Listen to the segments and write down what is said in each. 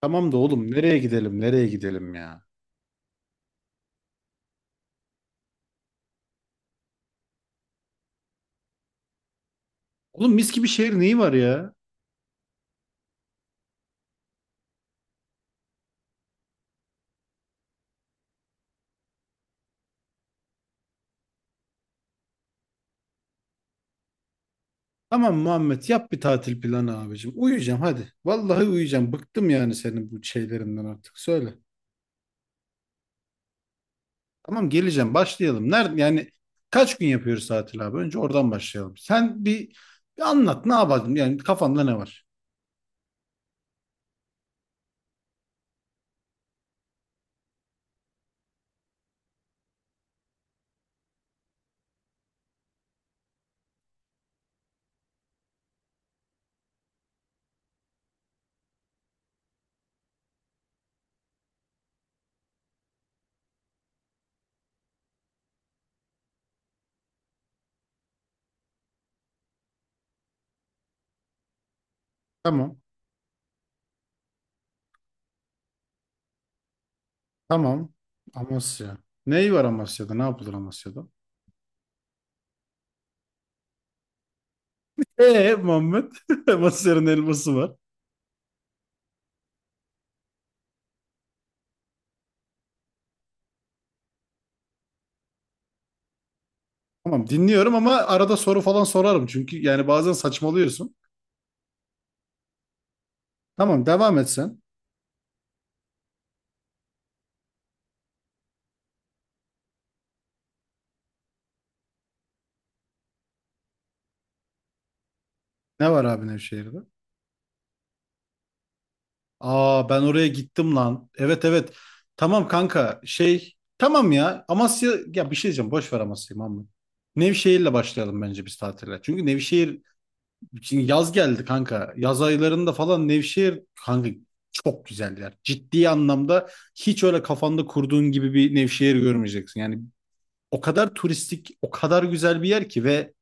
Tamam da oğlum nereye gidelim nereye gidelim ya? Oğlum mis gibi şehir neyi var ya? Tamam Muhammed yap bir tatil planı abicim. Uyuyacağım hadi. Vallahi uyuyacağım. Bıktım yani senin bu şeylerinden artık. Söyle. Tamam geleceğim başlayalım. Nerede yani kaç gün yapıyoruz tatil abi? Önce oradan başlayalım. Sen bir anlat ne yapalım? Yani kafanda ne var? Tamam. Tamam. Amasya. Neyi var Amasya'da? Ne yapılır Amasya'da? Muhammed. Amasya'nın elması var. Tamam dinliyorum ama arada soru falan sorarım. Çünkü yani bazen saçmalıyorsun. Tamam devam et sen. Ne var abi Nevşehir'de? Aa ben oraya gittim lan. Evet, evet. Tamam kanka şey. Tamam ya Amasya ya bir şey diyeceğim, boş ver Amasya'yı Mahmut. Nevşehir'le başlayalım bence biz tatile. Çünkü Nevşehir şimdi yaz geldi kanka. Yaz aylarında falan Nevşehir kanka çok güzel yer. Ciddi anlamda hiç öyle kafanda kurduğun gibi bir Nevşehir görmeyeceksin. Yani o kadar turistik, o kadar güzel bir yer ki ve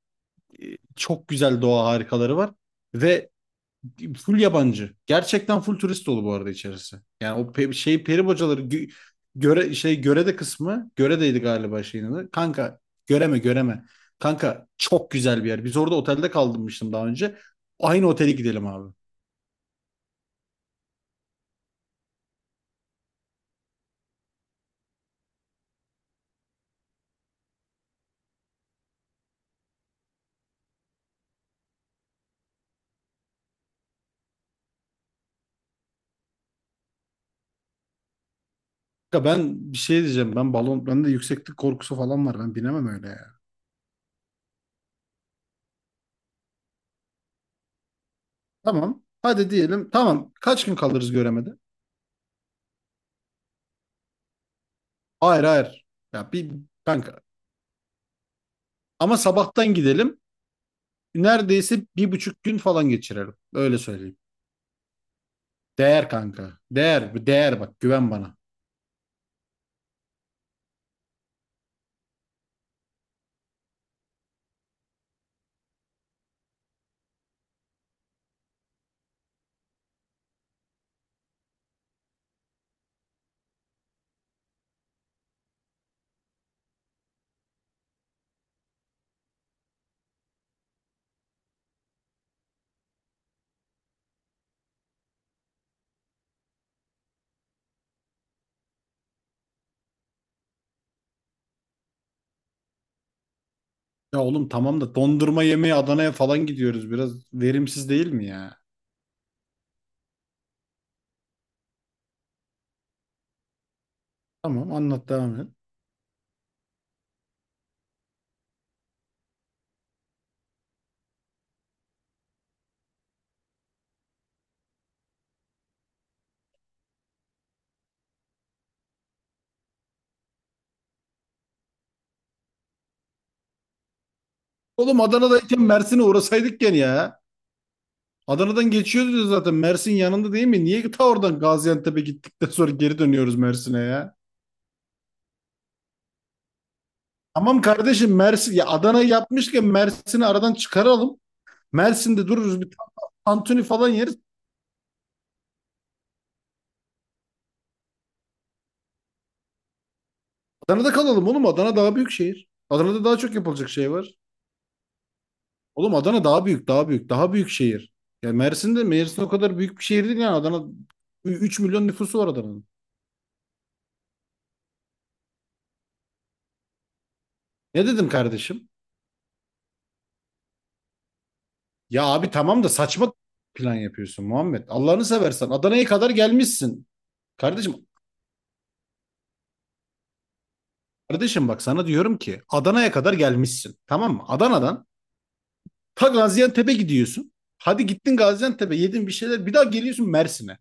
çok güzel doğa harikaları var ve full yabancı. Gerçekten full turist dolu bu arada içerisi. Yani o pe şey peri bacaları göre şey görede kısmı göredeydi galiba şeyin adı. Kanka göreme göreme. Kanka çok güzel bir yer. Biz orada otelde kalmıştım daha önce. Aynı otele gidelim abi. Kanka ben bir şey diyeceğim. Ben balon bende yükseklik korkusu falan var. Ben binemem öyle ya. Tamam. Hadi diyelim. Tamam. Kaç gün kalırız göremede? Hayır, hayır. Ya bir kanka. Ama sabahtan gidelim neredeyse 1,5 gün falan geçirelim. Öyle söyleyeyim. Değer kanka. Değer. Değer, bak güven bana. Ya oğlum tamam da dondurma yemeye Adana'ya falan gidiyoruz. Biraz verimsiz değil mi ya? Tamam, anlat, devam et. Oğlum Adana'dayken Mersin'e uğrasaydık gene ya. Adana'dan geçiyoruz zaten. Mersin yanında değil mi? Niye ta oradan Gaziantep'e gittikten sonra geri dönüyoruz Mersin'e ya? Tamam kardeşim Mersin ya, Adana'yı yapmışken Mersin'i aradan çıkaralım. Mersin'de dururuz bir tantuni falan yeriz. Adana'da kalalım oğlum. Adana daha büyük şehir. Adana'da daha çok yapılacak şey var. Oğlum Adana daha büyük, daha büyük, daha büyük şehir. Ya Mersin'de Mersin o kadar büyük bir şehir değil yani, Adana 3 milyon nüfusu var Adana'nın. Ne dedim kardeşim? Ya abi tamam da saçma plan yapıyorsun Muhammed. Allah'ını seversen Adana'ya kadar gelmişsin. Kardeşim, kardeşim bak sana diyorum ki Adana'ya kadar gelmişsin. Tamam mı? Adana'dan ta Gaziantep'e gidiyorsun. Hadi gittin Gaziantep'e yedin bir şeyler, bir daha geliyorsun Mersin'e.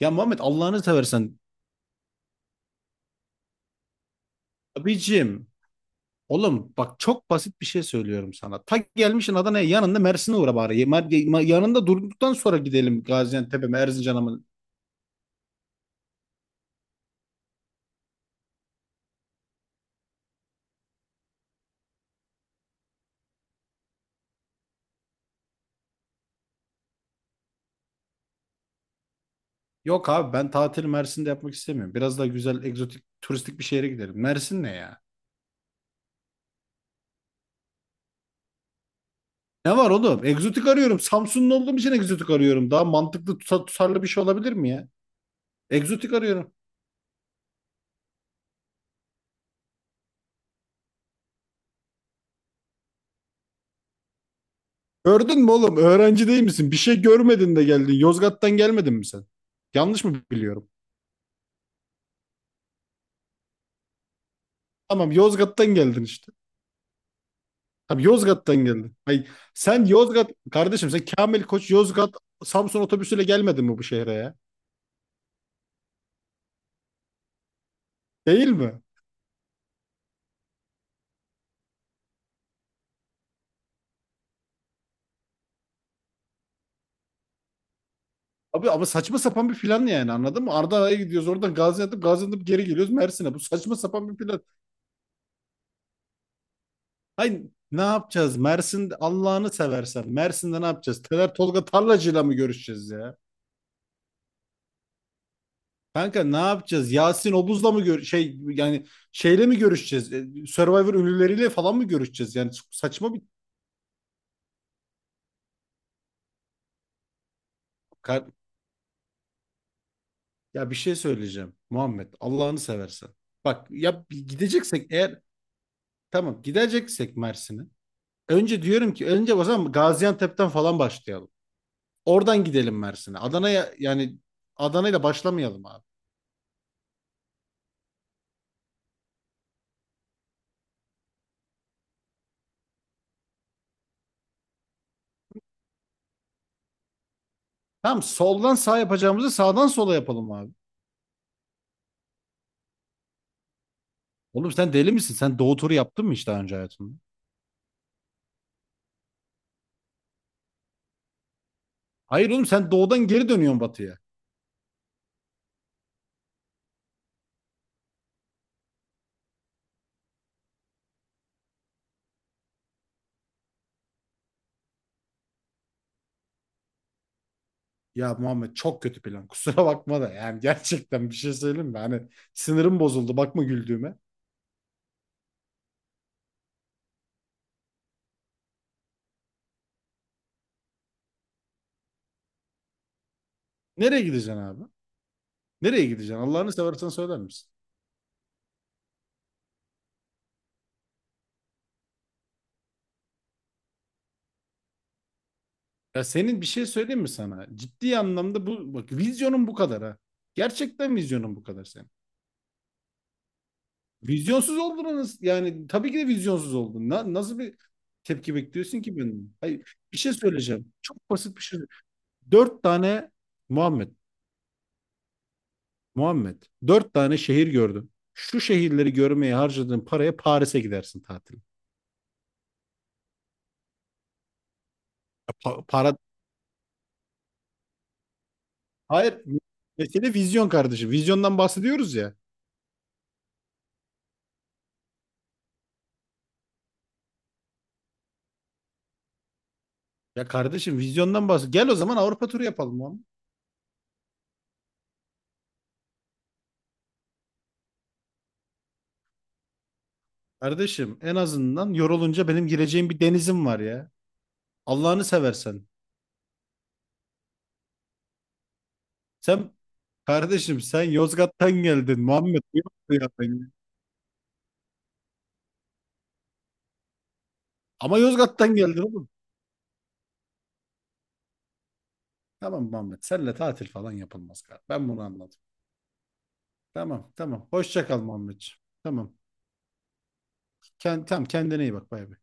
Ya Muhammed Allah'ını seversen. Abicim. Oğlum bak çok basit bir şey söylüyorum sana. Ta gelmişsin Adana'ya, yanında Mersin'e uğra bari. Yanında durduktan sonra gidelim Gaziantep'e mi Erzincan'a mı? Yok abi, ben tatili Mersin'de yapmak istemiyorum. Biraz daha güzel egzotik turistik bir şehre gidelim. Mersin ne ya? Ne var oğlum? Egzotik arıyorum. Samsunlu olduğum için egzotik arıyorum. Daha mantıklı tutarlı bir şey olabilir mi ya? Egzotik arıyorum. Gördün mü oğlum? Öğrenci değil misin? Bir şey görmedin de geldin. Yozgat'tan gelmedin mi sen? Yanlış mı biliyorum? Tamam Yozgat'tan geldin işte. Abi Yozgat'tan geldin. Ay, sen Yozgat kardeşim, sen Kamil Koç Yozgat Samsun otobüsüyle gelmedin mi bu şehre ya? Değil mi? Abi ama saçma sapan bir plan yani, anladın mı? Ardahan'a gidiyoruz oradan Gaziantep geri geliyoruz Mersin'e. Bu saçma sapan bir plan. Hayır ne yapacağız? Mersin, Allah'ını seversen Mersin'de ne yapacağız? Tolga Tarlacı'yla mı görüşeceğiz ya? Kanka ne yapacağız? Yasin Obuz'la mı gör şey yani şeyle mi görüşeceğiz? Survivor ünlüleriyle falan mı görüşeceğiz? Yani saçma bir. Ya bir şey söyleyeceğim Muhammed, Allah'ını seversen. Bak ya bir gideceksek eğer, tamam gideceksek Mersin'e. Önce diyorum ki önce o zaman Gaziantep'ten falan başlayalım. Oradan gidelim Mersin'e. Adana'ya yani Adana'yla başlamayalım abi. Tamam, soldan sağ yapacağımızı sağdan sola yapalım abi. Oğlum sen deli misin? Sen doğu turu yaptın mı hiç daha önce hayatında? Hayır oğlum, sen doğudan geri dönüyorsun batıya. Ya Muhammed çok kötü plan. Kusura bakma da yani gerçekten bir şey söyleyeyim mi? Hani sinirim bozuldu bakma güldüğüme. Nereye gideceksin abi? Nereye gideceksin? Allah'ını seversen söyler misin? Ya senin bir şey söyleyeyim mi sana? Ciddi anlamda bu bak, vizyonun bu kadar ha. Gerçekten vizyonun bu kadar senin. Vizyonsuz oldunuz yani, tabii ki de vizyonsuz oldun. Nasıl bir tepki bekliyorsun ki benim? Hayır, bir şey söyleyeceğim. Çok basit bir şey. Dört tane Muhammed, Muhammed. Dört tane şehir gördüm. Şu şehirleri görmeye harcadığın paraya Paris'e gidersin tatil. Para. Hayır. Mesele vizyon kardeşim. Vizyondan bahsediyoruz ya. Ya kardeşim vizyondan Gel o zaman Avrupa turu yapalım oğlum. Kardeşim en azından yorulunca benim gireceğim bir denizim var ya. Allah'ını seversen. Sen kardeşim, sen Yozgat'tan geldin Muhammed. Ne yapıyorsun ya? Ama Yozgat'tan geldin oğlum. Tamam Muhammed, senle tatil falan yapılmaz kardeşim. Ben bunu anladım. Tamam, tamam. Hoşça kal Muhammedciğim. Tamam. Tamam kendine iyi bak, bay bay.